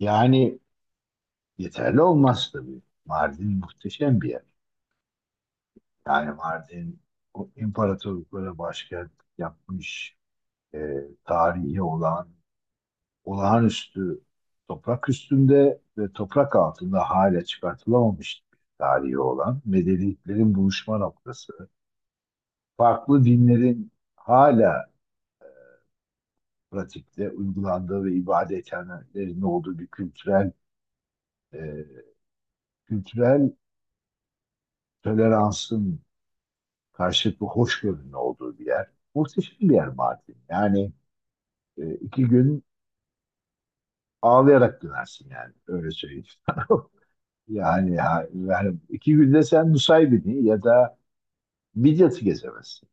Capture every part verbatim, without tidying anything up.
Yani yeterli olmaz tabii. Mardin muhteşem bir yer. Yani Mardin o imparatorluklara başkent yapmış e, tarihi olan olağanüstü toprak üstünde ve toprak altında hala çıkartılamamış bir tarihi olan medeniyetlerin buluşma noktası. Farklı dinlerin hala pratikte uygulandığı ve ibadethanelerin olduğu bir kültürel e, kültürel toleransın karşılıklı hoşgörünün olduğu bir yer. Muhteşem bir yer Mardin. Yani e, iki gün ağlayarak dönersin yani. Öyle söyleyeyim sana. Yani, ha- yani iki günde sen Nusaybin'i ya da Midyat'ı gezemezsin.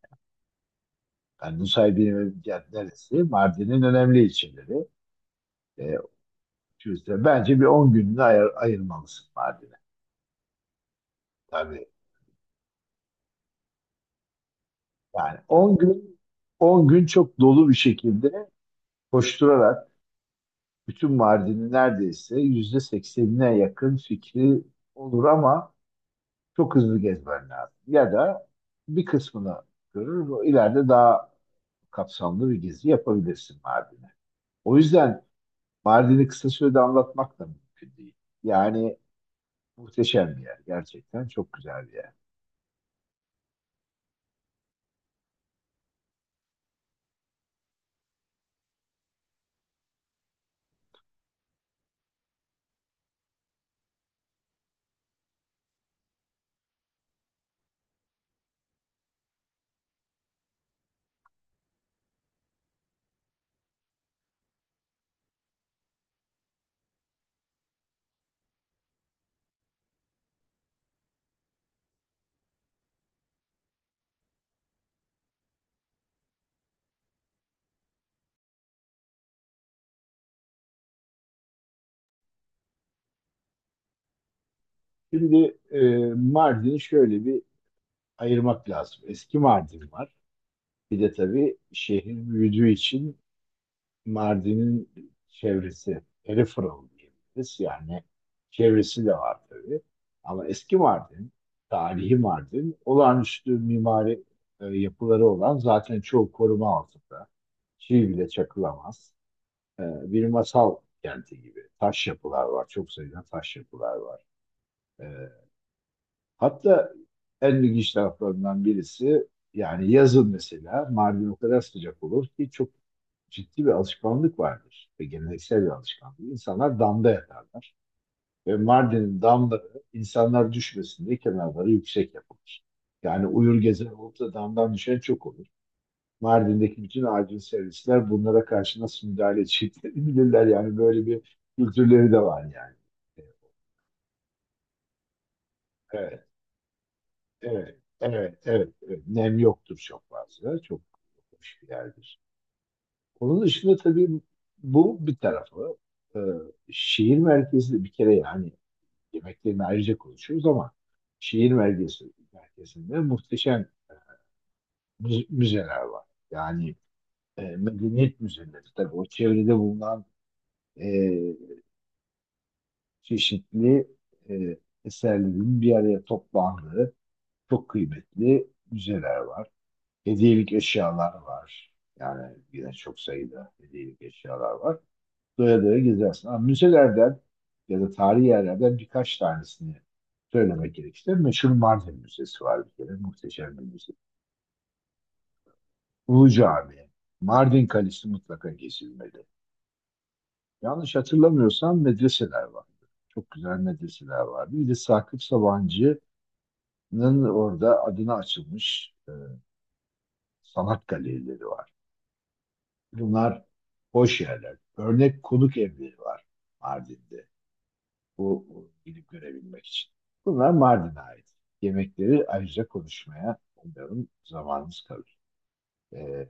Yani Nusaybin ve Midyat neresi? Mardin'in önemli ilçeleri. E, işte bence bir on gününü ayır, ayırmalısın Mardin'e. Tabii. Yani on gün on gün çok dolu bir şekilde koşturarak bütün Mardin'i neredeyse yüzde seksenine yakın fikri olur ama çok hızlı gezmen lazım. Ya da bir kısmını görür, o ileride daha kapsamlı bir gezi yapabilirsin Mardin'e. O yüzden Mardin'i kısa sürede anlatmak da mümkün değil. Yani muhteşem bir yer. Gerçekten çok güzel bir yer. Şimdi e, Mardin'i şöyle bir ayırmak lazım. Eski Mardin var. Bir de tabii şehir büyüdüğü için Mardin'in çevresi, peripheral diyebiliriz. Yani çevresi de var tabii. Ama eski Mardin, tarihi Mardin, olağanüstü mimari e, yapıları olan zaten çoğu koruma altında. Çivi bile çakılamaz. E, bir masal kenti gibi. Taş yapılar var. Çok sayıda taş yapılar var. E, Hatta en ilginç taraflarından birisi yani yazın mesela Mardin o kadar sıcak olur ki çok ciddi bir alışkanlık vardır ve geleneksel bir alışkanlık. İnsanlar damda yatarlar ve Mardin'in damları insanlar düşmesin diye kenarları yüksek yapılır. Yani uyur gezer olup da damdan düşen çok olur. Mardin'deki bütün acil servisler bunlara karşı nasıl müdahale edeceklerini bilirler. Yani böyle bir kültürleri de var yani. Evet. Evet, evet, evet, evet. Nem yoktur çok fazla. Çok hoş bir yerdir. Onun dışında tabii bu bir tarafı. Ee, Şehir merkezi de bir kere yani yemeklerini ayrıca konuşuyoruz ama şehir merkezi merkezinde muhteşem müze- müzeler var. Yani e, medeniyet müzeleri tabii o çevrede bulunan e, çeşitli e, eserlerin bir araya toplandığı çok kıymetli müzeler var. Hediyelik eşyalar var. Yani yine çok sayıda hediyelik eşyalar var. Doya doya gezersin. Ama müzelerden ya da tarihi yerlerden birkaç tanesini söylemek gerekirse meşhur Mardin Müzesi var bir kere. Muhteşem bir müze. Ulu Cami, Mardin Kalesi mutlaka gezilmeli. Yanlış hatırlamıyorsam medreseler vardı. Çok güzel medreseler vardı. Bir de Sakıp Sabancı'nın orada adına açılmış e, sanat galerileri var. Bunlar hoş yerler. Örnek konuk evleri var Mardin'de. Bu, bu gidip görebilmek için. Bunlar Mardin'e ait. Yemekleri ayrıca konuşmaya umarım zamanımız kalır. Ee,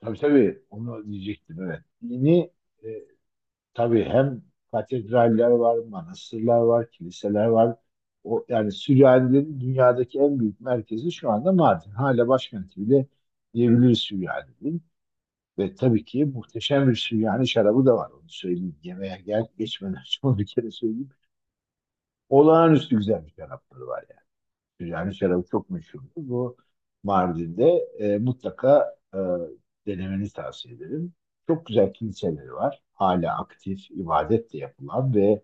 tabii tabii onu diyecektim, evet. Dini e, tabii hem katedraller var, manastırlar var, kiliseler var. O, yani Süryanilerin dünyadaki en büyük merkezi şu anda Mardin. Hala başkenti bile diyebiliriz Süryanilerin. Ve tabii ki muhteşem bir Süryani şarabı da var, onu söyleyeyim. Yemeğe gel geçmeden önce onu bir kere söyleyeyim. Olağanüstü güzel bir şarapları var yani. Süryani şarabı çok meşhur. Bu Mardin'de e, mutlaka e, denemeni tavsiye ederim. Çok güzel kiliseleri var. Hala aktif, ibadet de yapılan ve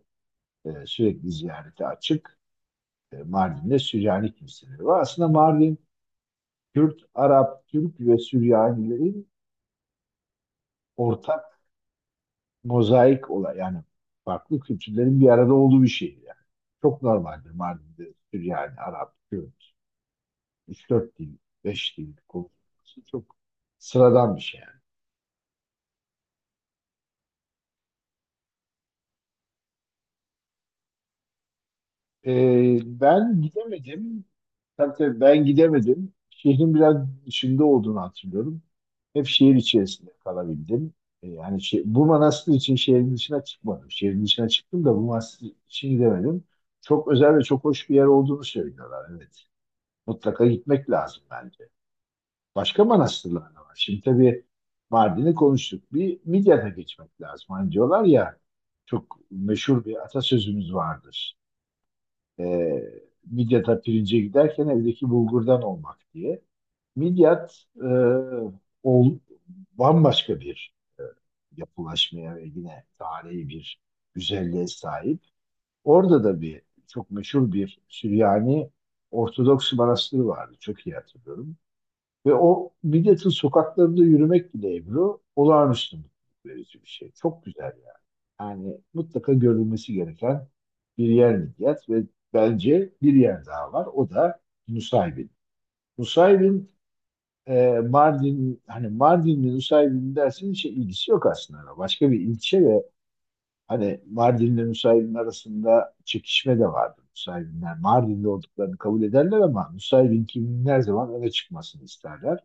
e, sürekli ziyarete açık. E, Mardin'de Süryani kiliseleri var. Aslında Mardin, Kürt, Arap, Türk ve Süryanilerin ortak mozaik olay yani farklı kültürlerin bir arada olduğu bir şehir yani. Çok normaldir Mardin'de Süryani, Arap, Kürt, üç dört dil, beş dil konuşması çok sıradan bir şey yani. Ee, ben gidemedim. Tabii tabii ben gidemedim. Şehrin biraz dışında olduğunu hatırlıyorum. Hep şehir içerisinde kalabildim. Ee, yani şey, bu manastır için şehrin dışına çıkmadım. Şehrin dışına çıktım da bu manastır için gidemedim. Çok özel ve çok hoş bir yer olduğunu söylüyorlar. Evet. Mutlaka gitmek lazım bence. Başka manastırlar da var. Şimdi tabii Mardin'i konuştuk. Bir Midyat'a geçmek lazım. Hani diyorlar ya çok meşhur bir atasözümüz vardır. Ee, Midyat'a pirince giderken evdeki bulgurdan olmak diye. Midyat e, ol, bambaşka bir e, yapılaşmaya ve yine tarihi bir güzelliğe sahip. Orada da bir çok meşhur bir Süryani Ortodoks manastırı vardı. Çok iyi hatırlıyorum. Ve o Midyat'ın sokaklarında yürümek bile Ebru olağanüstü mutluluk verici bir şey. Çok güzel yani. Yani mutlaka görülmesi gereken bir yer Midyat ve bence bir yer daha var. O da Nusaybin. Nusaybin e, Mardin hani Mardin'le Nusaybin dersin hiç ilgisi yok aslında. Başka bir ilçe ve hani Mardin'le Nusaybin arasında çekişme de vardı. Nusaybinler Mardin'de olduklarını kabul ederler ama Nusaybin kimin her zaman öne çıkmasını isterler.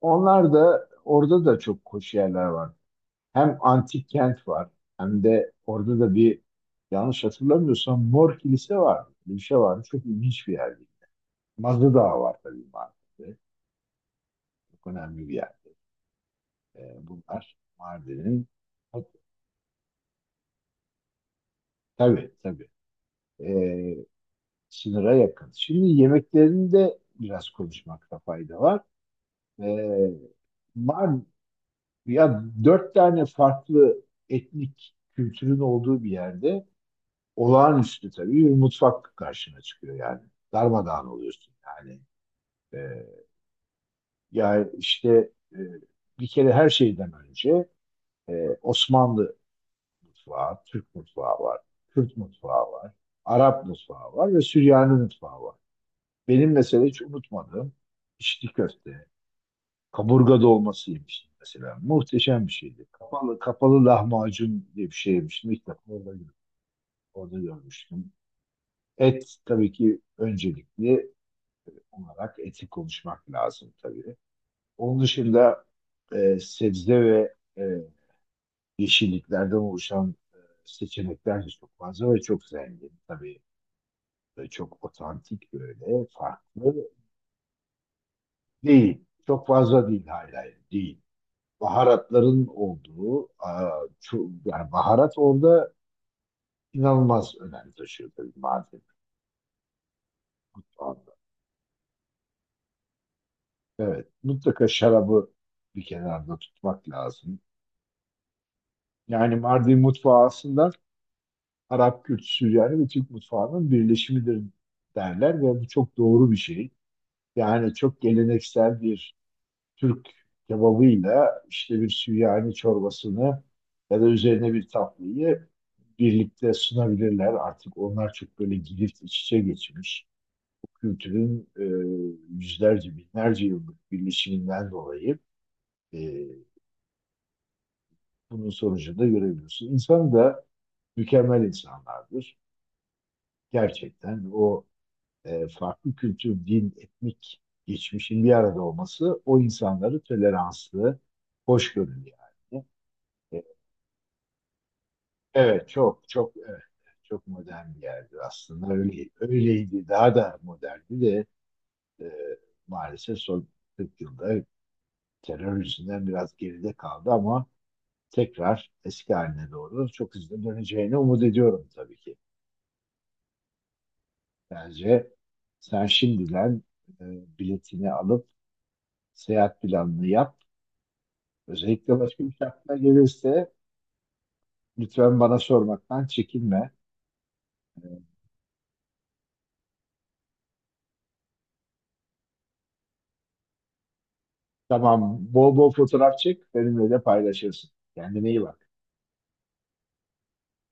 Onlar da orada da çok hoş yerler var. Hem antik kent var hem de orada da bir yanlış hatırlamıyorsam Mor Kilise var. Bir şey var. Çok ilginç bir yerdi. Mazı Dağı var tabii Mardin'de. Çok önemli bir yerde. Ee, bunlar Mardin'in tabii tabii ee, sınıra yakın. Şimdi yemeklerinde biraz konuşmakta fayda var. Ee, Mardin, ya dört tane farklı etnik kültürün olduğu bir yerde olağanüstü tabii bir mutfak karşına çıkıyor yani. Darmadağın oluyorsun yani. Ee, Ya işte e, bir kere her şeyden önce e, Osmanlı mutfağı, Türk mutfağı var, Kürt mutfağı var, Arap mutfağı var ve Süryani mutfağı var. Benim mesela hiç unutmadığım içli köfte, kaburga dolması yemiştim mesela. Muhteşem bir şeydi. Kapalı, kapalı lahmacun diye bir şey yemiştim. İlk defa orada, orada görmüştüm. Et tabii ki öncelikli olarak etik konuşmak lazım tabii. Onun dışında e, sebze ve e, yeşilliklerden oluşan e, seçenekler de çok fazla ve çok zengin. Tabii e, çok otantik böyle farklı değil. Çok fazla değil, hala değil. Baharatların olduğu, a, ço- yani baharat orada inanılmaz önem taşıyor tabii madem mutfağında. Evet, mutlaka şarabı bir kenarda tutmak lazım. Yani Mardin mutfağı aslında Arap Kürt, Süryani ve Türk mutfağının birleşimidir derler ve bu çok doğru bir şey. Yani çok geleneksel bir Türk kebabıyla işte bir Süryani çorbasını ya da üzerine bir tatlıyı birlikte sunabilirler. Artık onlar çok böyle girift iç içe geçmiş. Bu kültürün e, yüzlerce, binlerce yıllık birleşiminden dolayı e, bunun sonucunu da görebiliyorsun. İnsan da mükemmel insanlardır. Gerçekten o e, farklı kültür, din, etnik geçmişin bir arada olması o insanları toleranslı, hoşgörülü yani. E, Evet, çok çok evet, çok modern bir yerdir aslında. Öyle, öyleydi, daha da moderndi de e, maalesef son kırk yılda terör yüzünden biraz geride kaldı ama tekrar eski haline doğru çok hızlı döneceğini umut ediyorum tabii ki. Bence sen şimdiden e, biletini alıp seyahat planını yap. Özellikle başka bir şey aklına gelirse lütfen bana sormaktan çekinme. Ee, Tamam, bol bol fotoğraf çek, benimle de paylaşırsın. Kendine iyi bak.